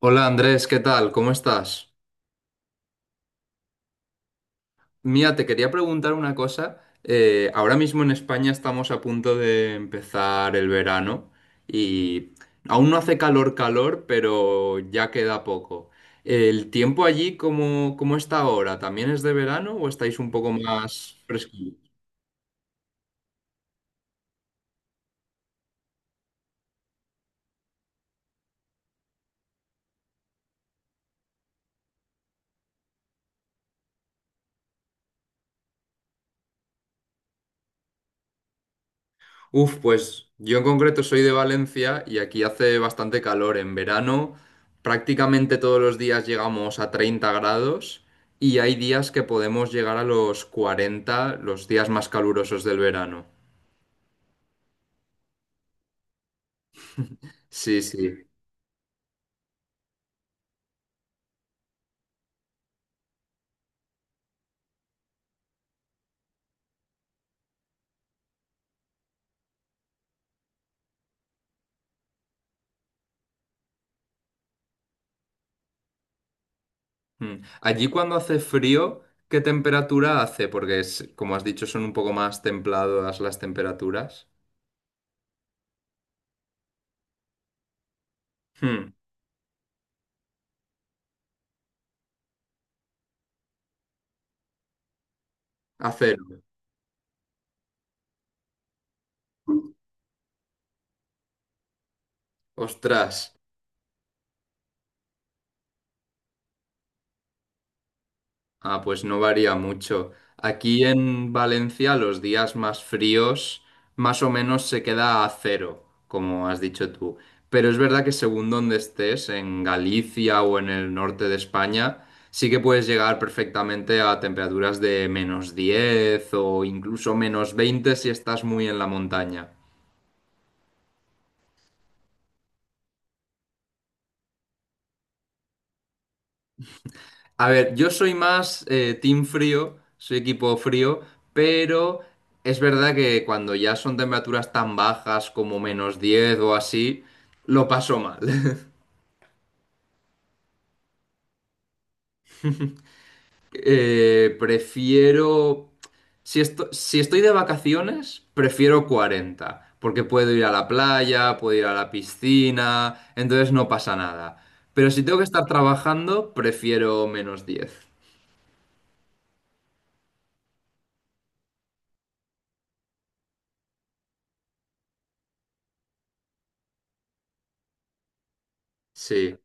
Hola Andrés, ¿qué tal? ¿Cómo estás? Mira, te quería preguntar una cosa. Ahora mismo en España estamos a punto de empezar el verano y aún no hace calor, calor, pero ya queda poco. ¿El tiempo allí cómo está ahora? ¿También es de verano o estáis un poco más frescos? Uf, pues yo en concreto soy de Valencia y aquí hace bastante calor. En verano prácticamente todos los días llegamos a 30 grados y hay días que podemos llegar a los 40, los días más calurosos del verano. Sí, sí. Mm. Allí cuando hace frío, ¿qué temperatura hace? Porque como has dicho, son un poco más templadas las temperaturas. Hmm. A cero. Ostras. Ah, pues no varía mucho. Aquí en Valencia los días más fríos más o menos se queda a cero, como has dicho tú. Pero es verdad que según donde estés, en Galicia o en el norte de España, sí que puedes llegar perfectamente a temperaturas de -10 o incluso -20 si estás muy en la montaña. A ver, yo soy más team frío, soy equipo frío, pero es verdad que cuando ya son temperaturas tan bajas como -10 o así, lo paso mal. Prefiero... Si si estoy de vacaciones, prefiero 40, porque puedo ir a la playa, puedo ir a la piscina, entonces no pasa nada. Pero si tengo que estar trabajando, prefiero -10. Sí.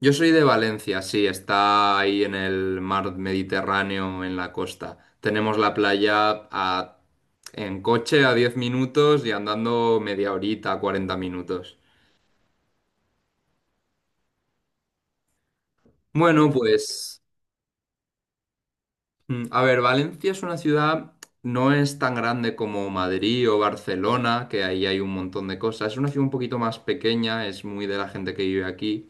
Yo soy de Valencia, sí, está ahí en el mar Mediterráneo, en la costa. Tenemos la playa en coche a 10 minutos y andando media horita, 40 minutos. Bueno, pues, a ver, Valencia es una ciudad, no es tan grande como Madrid o Barcelona, que ahí hay un montón de cosas. Es una ciudad un poquito más pequeña, es muy de la gente que vive aquí.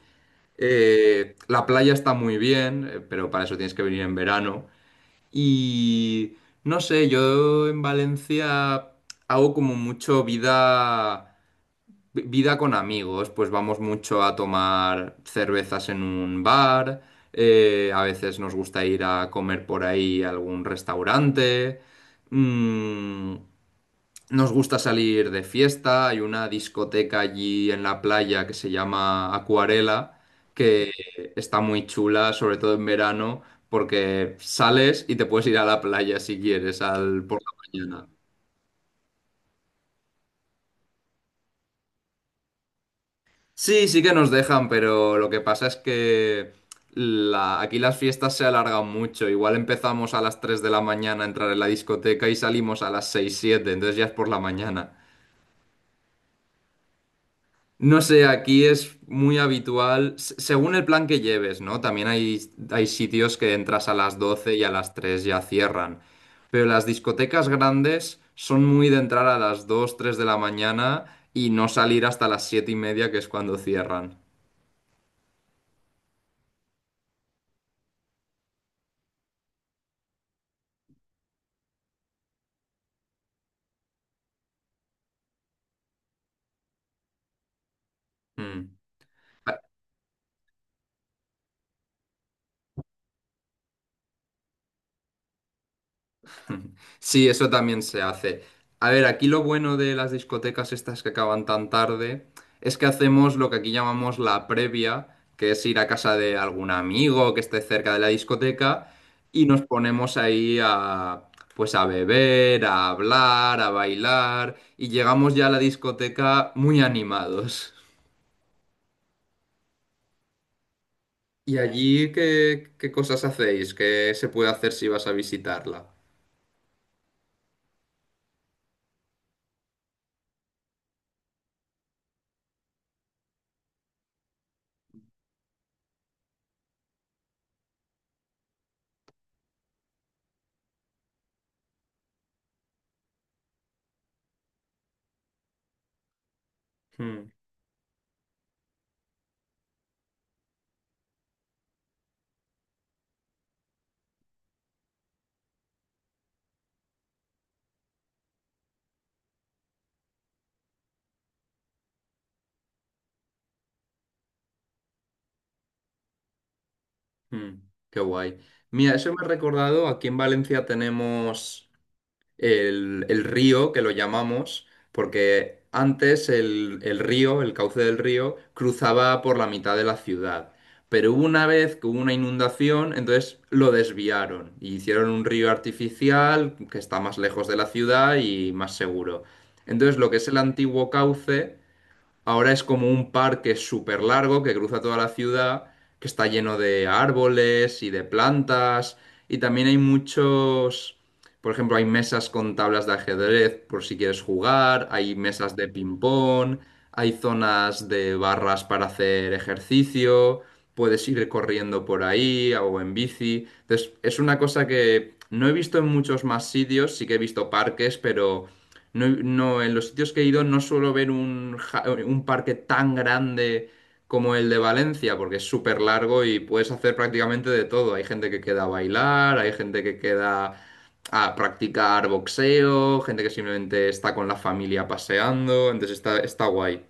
La playa está muy bien, pero para eso tienes que venir en verano. Y no sé, yo en Valencia hago como mucho vida, vida con amigos, pues vamos mucho a tomar cervezas en un bar, a veces nos gusta ir a comer por ahí a algún restaurante. mm, nos gusta salir de fiesta, hay una discoteca allí en la playa que se llama Acuarela, que está muy chula, sobre todo en verano, porque sales y te puedes ir a la playa si quieres al, por la mañana. Sí, sí que nos dejan, pero lo que pasa es que aquí las fiestas se alargan mucho. Igual empezamos a las 3 de la mañana a entrar en la discoteca y salimos a las 6 7, entonces ya es por la mañana. No sé, aquí es muy habitual, según el plan que lleves, ¿no? También hay sitios que entras a las 12 y a las 3 ya cierran. Pero las discotecas grandes son muy de entrar a las 2, 3 de la mañana y no salir hasta las 7:30, que es cuando cierran. Mm. Sí, eso también se hace. A ver, aquí lo bueno de las discotecas estas que acaban tan tarde es que hacemos lo que aquí llamamos la previa, que es ir a casa de algún amigo que esté cerca de la discoteca y nos ponemos ahí a, pues a beber, a hablar, a bailar y llegamos ya a la discoteca muy animados. ¿Y allí qué cosas hacéis? ¿Qué se puede hacer si vas a visitarla? Mm, qué guay. Mira, eso me ha recordado, aquí en Valencia tenemos el río, que lo llamamos, porque antes el río, el cauce del río, cruzaba por la mitad de la ciudad. Pero hubo una vez que hubo una inundación, entonces lo desviaron y hicieron un río artificial que está más lejos de la ciudad y más seguro. Entonces lo que es el antiguo cauce... Ahora es como un parque súper largo que cruza toda la ciudad, que está lleno de árboles y de plantas. Y también hay muchos, por ejemplo, hay mesas con tablas de ajedrez por si quieres jugar, hay mesas de ping-pong, hay zonas de barras para hacer ejercicio, puedes ir corriendo por ahí o en bici. Entonces, es una cosa que no he visto en muchos más sitios, sí que he visto parques, pero... No, no, en los sitios que he ido no suelo ver un parque tan grande como el de Valencia, porque es súper largo y puedes hacer prácticamente de todo. Hay gente que queda a bailar, hay gente que queda a practicar boxeo, gente que simplemente está con la familia paseando, entonces está guay.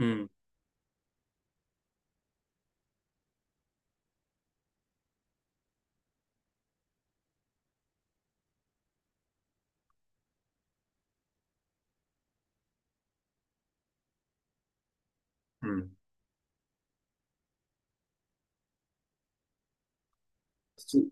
Mm, mm. Sí.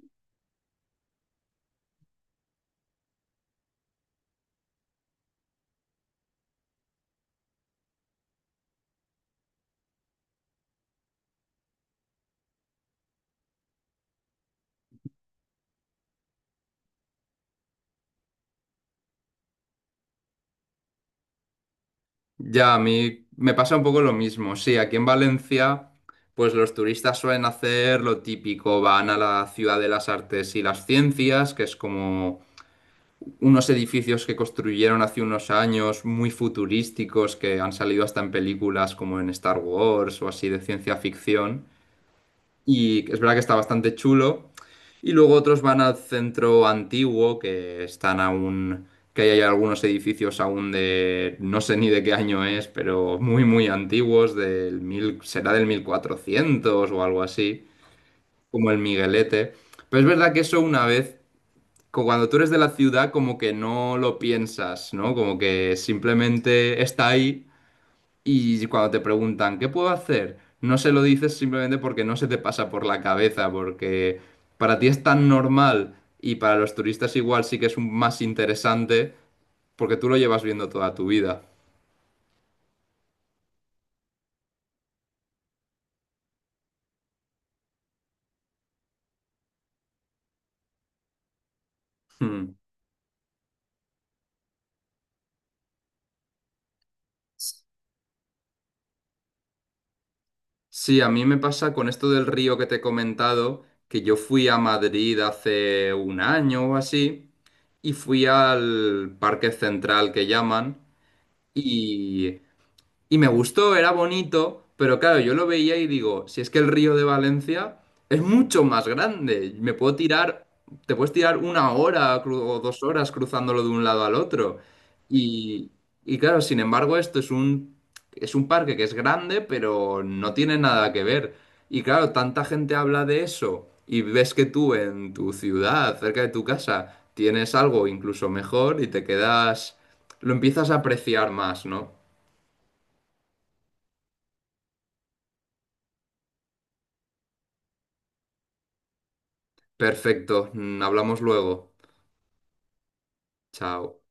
Ya, a mí me pasa un poco lo mismo. Sí, aquí en Valencia, pues los turistas suelen hacer lo típico, van a la Ciudad de las Artes y las Ciencias, que es como unos edificios que construyeron hace unos años muy futurísticos que han salido hasta en películas como en Star Wars o así de ciencia ficción. Y es verdad que está bastante chulo. Y luego otros van al centro antiguo que están aún, que ahí hay algunos edificios aún de, no sé ni de qué año es, pero muy, muy antiguos, del mil, será del 1400 o algo así, como el Miguelete. Pero es verdad que eso una vez cuando tú eres de la ciudad, como que no lo piensas, ¿no? Como que simplemente está ahí y cuando te preguntan, ¿qué puedo hacer? No se lo dices simplemente porque no se te pasa por la cabeza, porque para ti es tan normal y para los turistas igual sí que es más interesante porque tú lo llevas viendo toda tu vida. Hmm. Sí, a mí me pasa con esto del río que te he comentado, que yo fui a Madrid hace un año o así y fui al Parque Central que llaman Y y me gustó, era bonito, pero claro, yo lo veía y digo, si es que el río de Valencia es mucho más grande, me puedo tirar, te puedes tirar una hora o dos horas cruzándolo de un lado al otro. Y, y claro, sin embargo, esto es un, parque que es grande, pero no tiene nada que ver. Y claro, tanta gente habla de eso y ves que tú en tu ciudad, cerca de tu casa, tienes algo incluso mejor y te quedas, lo empiezas a apreciar más, ¿no? Perfecto, hablamos luego. Chao.